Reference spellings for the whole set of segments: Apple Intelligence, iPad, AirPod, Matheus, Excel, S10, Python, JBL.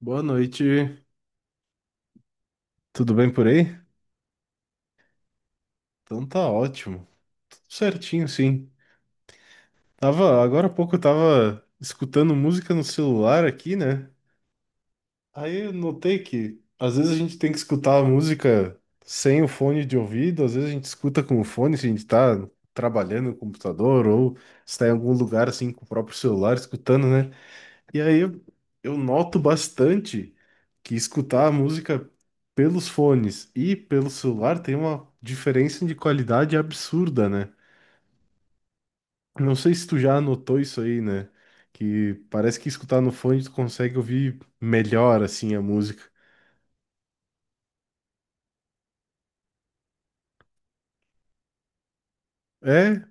Boa noite, tudo bem por aí? Então tá ótimo, tudo certinho sim. Tava, agora há pouco eu tava escutando música no celular aqui, né? Aí eu notei que às vezes a gente tem que escutar a música sem o fone de ouvido, às vezes a gente escuta com o fone se a gente tá trabalhando no computador ou está em algum lugar assim com o próprio celular escutando, né? E aí eu noto bastante que escutar a música pelos fones e pelo celular tem uma diferença de qualidade absurda, né? Não sei se tu já notou isso aí, né? Que parece que escutar no fone tu consegue ouvir melhor assim a música. É,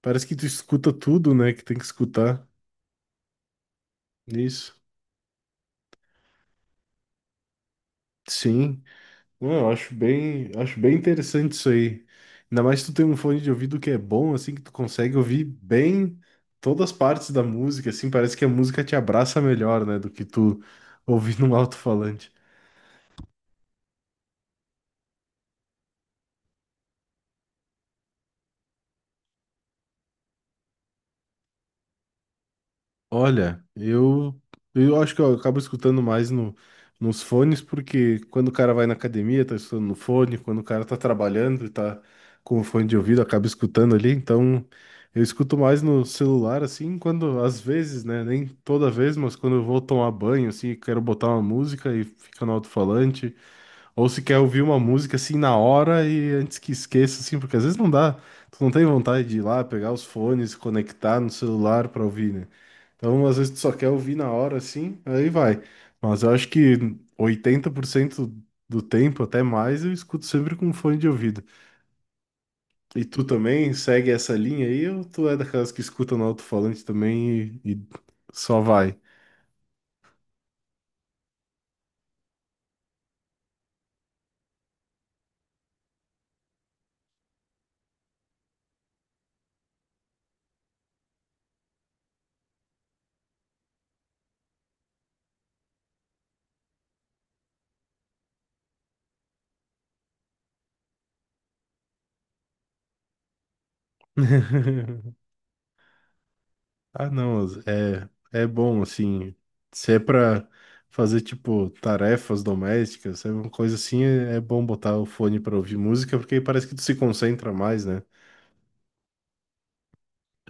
parece que tu escuta tudo, né, que tem que escutar. Isso. Sim. Não, eu acho bem interessante isso aí. Ainda mais se tu tem um fone de ouvido que é bom, assim, que tu consegue ouvir bem todas as partes da música, assim, parece que a música te abraça melhor, né, do que tu ouvir num alto-falante. Olha, eu acho que eu acabo escutando mais no, nos fones, porque quando o cara vai na academia, tá escutando no fone, quando o cara tá trabalhando e tá com o fone de ouvido, acaba escutando ali, então eu escuto mais no celular, assim, quando, às vezes, né, nem toda vez, mas quando eu vou tomar banho, assim, quero botar uma música e fica no alto-falante, ou se quer ouvir uma música assim na hora e antes que esqueça, assim, porque às vezes não dá, tu não tem vontade de ir lá pegar os fones, conectar no celular pra ouvir, né? Então, às vezes tu só quer ouvir na hora, assim, aí vai. Mas eu acho que 80% do tempo, até mais, eu escuto sempre com fone de ouvido. E tu também segue essa linha aí, ou tu é daquelas que escuta no alto-falante também e só vai? Ah, não, é bom, assim, se é pra fazer, tipo, tarefas domésticas, se é uma coisa assim, é bom botar o fone pra ouvir música, porque aí parece que tu se concentra mais, né?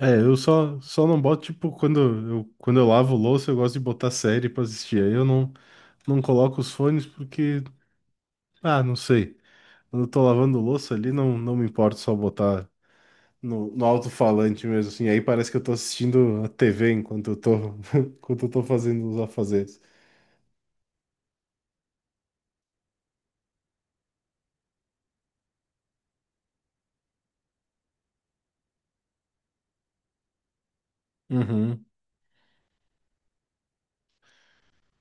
É, eu só não boto, tipo, quando eu lavo louça, eu gosto de botar série pra assistir, aí eu não coloco os fones porque, ah, não sei, quando eu tô lavando louça ali, não me importa só botar no alto-falante mesmo, assim, aí parece que eu tô assistindo a TV enquanto eu tô, enquanto eu tô fazendo os afazeres. Uhum.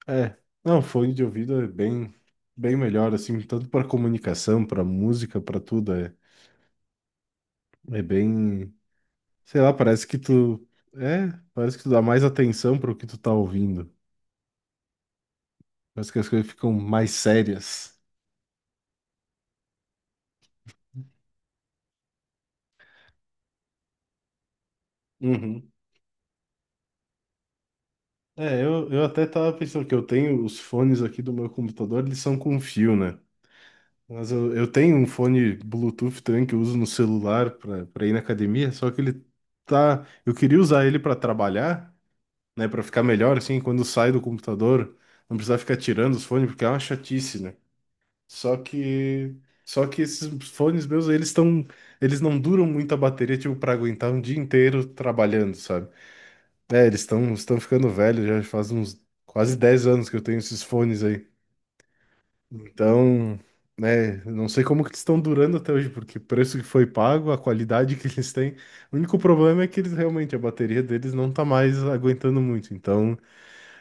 É, não, fone de ouvido é bem, bem melhor, assim, tanto para comunicação, para música, para tudo. É bem, sei lá, é, parece que tu dá mais atenção para o que tu tá ouvindo. Parece que as coisas ficam mais sérias. Uhum. É, eu até tava pensando que eu tenho os fones aqui do meu computador, eles são com fio, né? Mas eu tenho um fone Bluetooth também que eu uso no celular para ir na academia, só que eu queria usar ele para trabalhar. Né, para ficar melhor assim, quando sai do computador, não precisar ficar tirando os fones porque é uma chatice, né? Só que só que esses fones meus, eles não duram muito a bateria, tipo, para aguentar um dia inteiro trabalhando, sabe? É, eles estão ficando velhos, já faz uns quase 10 anos que eu tenho esses fones aí. Então, né, eu não sei como que eles estão durando até hoje, porque o preço que foi pago, a qualidade que eles têm, o único problema é que eles realmente, a bateria deles não tá mais aguentando muito. Então,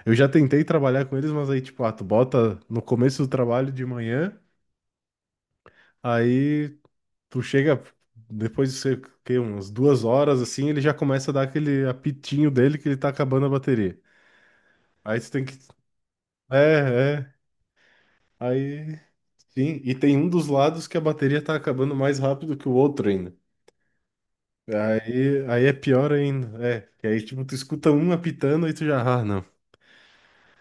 eu já tentei trabalhar com eles, mas aí, tipo, ah, tu bota no começo do trabalho de manhã, aí tu chega depois de, sei o quê, umas 2 horas, assim, ele já começa a dar aquele apitinho dele que ele tá acabando a bateria. Aí tu tem que. É, é. Aí, sim. E tem um dos lados que a bateria tá acabando mais rápido que o outro ainda. Aí é pior ainda. É. Que aí, tipo, tu escuta um apitando e tu já, ah, não.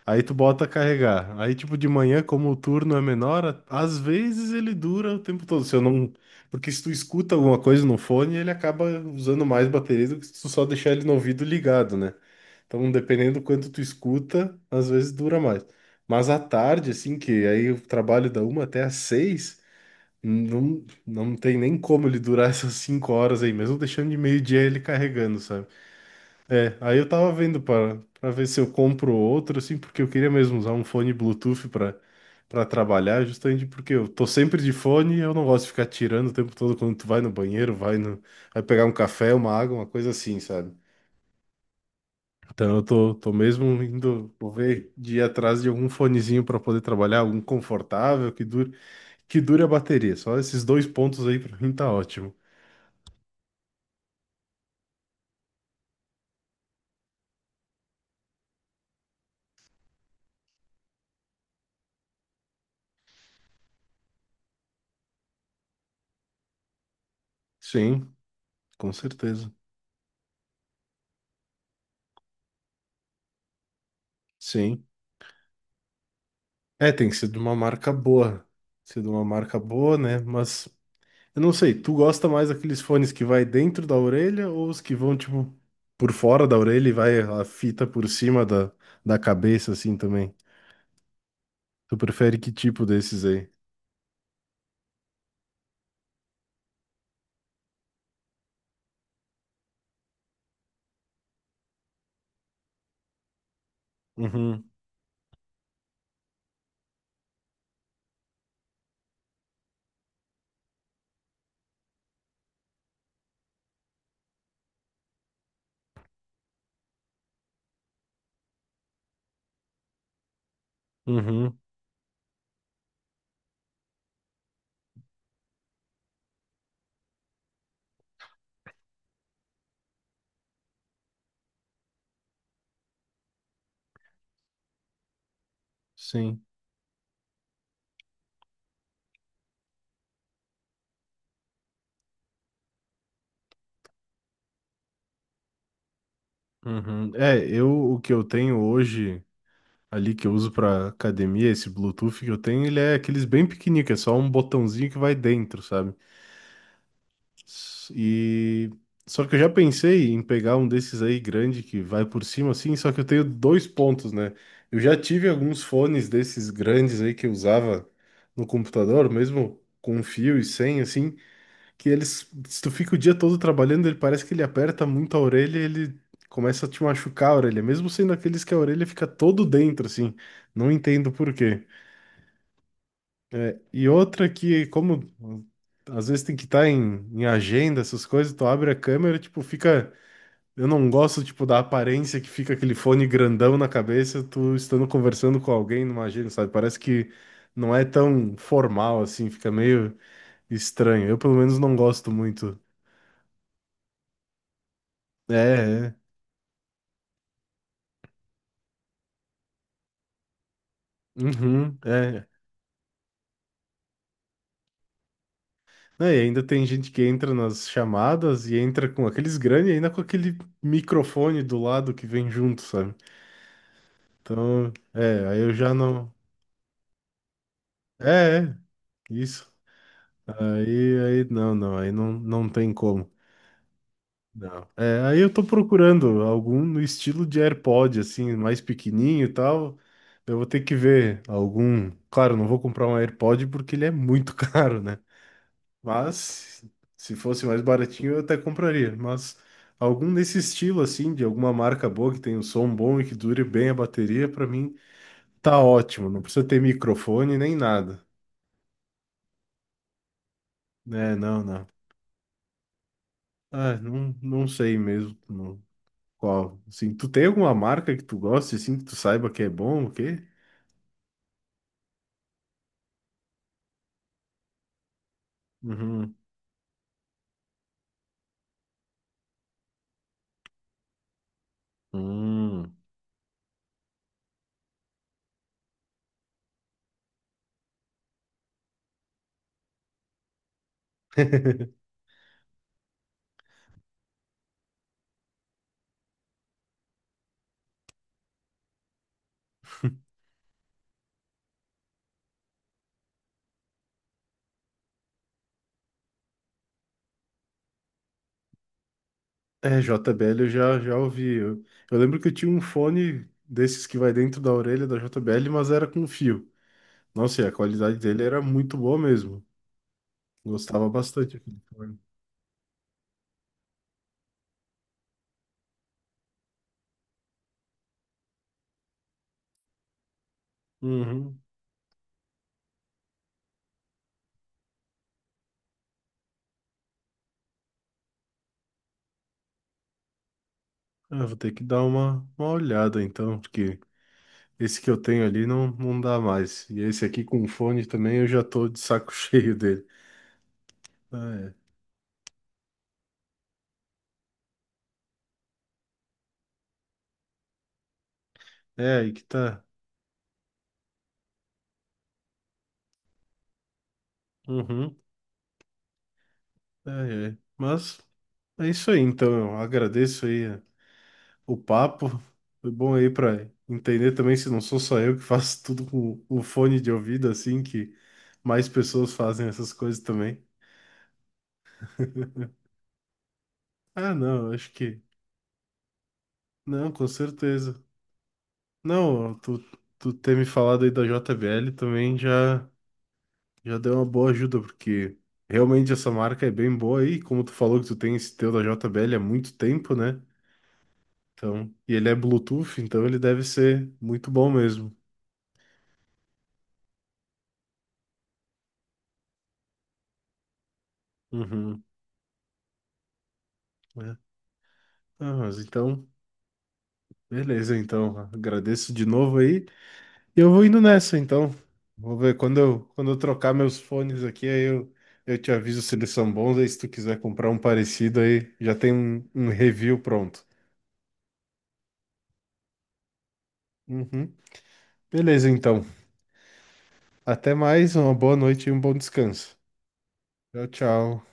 Aí tu bota carregar. Aí, tipo, de manhã, como o turno é menor, às vezes ele dura o tempo todo. Se eu não... Porque se tu escuta alguma coisa no fone, ele acaba usando mais bateria do que se tu só deixar ele no ouvido ligado, né? Então, dependendo do quanto tu escuta, às vezes dura mais. Mas à tarde, assim, que aí eu trabalho da uma até às seis, não tem nem como ele durar essas 5 horas aí, mesmo deixando de meio-dia ele carregando, sabe? É, aí eu tava vendo para ver se eu compro outro, assim, porque eu queria mesmo usar um fone Bluetooth para trabalhar, justamente porque eu tô sempre de fone e eu não gosto de ficar tirando o tempo todo quando tu vai no banheiro, vai no, vai pegar um café, uma água, uma coisa assim, sabe? Então eu tô mesmo indo, vou ver, de ir atrás de algum fonezinho para poder trabalhar, algum confortável, que dure a bateria. Só esses dois pontos aí para mim tá ótimo. Sim, com certeza. Sim. É, tem sido uma marca boa. Sido uma marca boa, né? Mas eu não sei, tu gosta mais daqueles fones que vai dentro da orelha ou os que vão, tipo, por fora da orelha e vai a fita por cima da cabeça, assim também? Tu prefere que tipo desses aí? Uhum, uhum, sim. Uhum. É, eu o que eu tenho hoje ali que eu uso pra academia, esse Bluetooth que eu tenho, ele é aqueles bem pequenininho, que é só um botãozinho que vai dentro, sabe? E só que eu já pensei em pegar um desses aí grande que vai por cima assim, só que eu tenho dois pontos, né? Eu já tive alguns fones desses grandes aí que eu usava no computador, mesmo com fio e sem assim, que eles se tu fica o dia todo trabalhando, ele parece que ele aperta muito a orelha, e ele começa a te machucar a orelha, mesmo sendo aqueles que a orelha fica todo dentro assim. Não entendo por quê. É, e outra que, como às vezes tem que estar em agenda, essas coisas, tu abre a câmera, tipo, fica. Eu não gosto, tipo, da aparência que fica aquele fone grandão na cabeça, tu estando conversando com alguém numa agenda, sabe? Parece que não é tão formal assim, fica meio estranho. Eu, pelo menos, não gosto muito. É, é. Uhum, é. Não, e ainda tem gente que entra nas chamadas e entra com aqueles grandes e ainda com aquele microfone do lado que vem junto, sabe? Então, é, aí eu já não. É, é, isso. Aí, não, aí não tem como. Não. É, aí eu tô procurando algum no estilo de AirPod, assim, mais pequenininho e tal. Eu vou ter que ver algum. Claro, não vou comprar um AirPod porque ele é muito caro, né? Mas se fosse mais baratinho eu até compraria. Mas algum desse estilo, assim, de alguma marca boa que tenha um som bom e que dure bem a bateria, pra mim tá ótimo. Não precisa ter microfone nem nada. É, não, não. Ah, não, não sei mesmo. Qual? Assim, tu tem alguma marca que tu goste, assim, que tu saiba que é bom, o quê? Uhum. Hum. É, JBL eu já ouvi. Eu lembro que eu tinha um fone desses que vai dentro da orelha da JBL, mas era com fio. Nossa, e a qualidade dele era muito boa mesmo. Gostava bastante aquele fone. Uhum. Ah, vou ter que dar uma olhada então, porque esse que eu tenho ali não dá mais. E esse aqui com fone também eu já tô de saco cheio dele. Ah, é. É aí que tá. Uhum. É, é. Mas é isso aí, então. Eu agradeço aí o papo. Foi bom aí para entender também se não sou só eu que faço tudo com o fone de ouvido, assim, que mais pessoas fazem essas coisas também. Ah, não, eu acho que. Não, com certeza. Não, tu ter me falado aí da JBL também já deu uma boa ajuda, porque realmente essa marca é bem boa aí. Como tu falou que tu tem esse teu da JBL há muito tempo, né? Então, e ele é Bluetooth, então ele deve ser muito bom mesmo. Uhum, né? Ah, mas então, beleza, então. Agradeço de novo aí. E eu vou indo nessa, então. Vou ver quando eu trocar meus fones aqui, aí eu te aviso se eles são bons. Aí se tu quiser comprar um parecido aí, já tem um review pronto. Uhum. Beleza, então. Até mais, uma boa noite e um bom descanso. Tchau, tchau.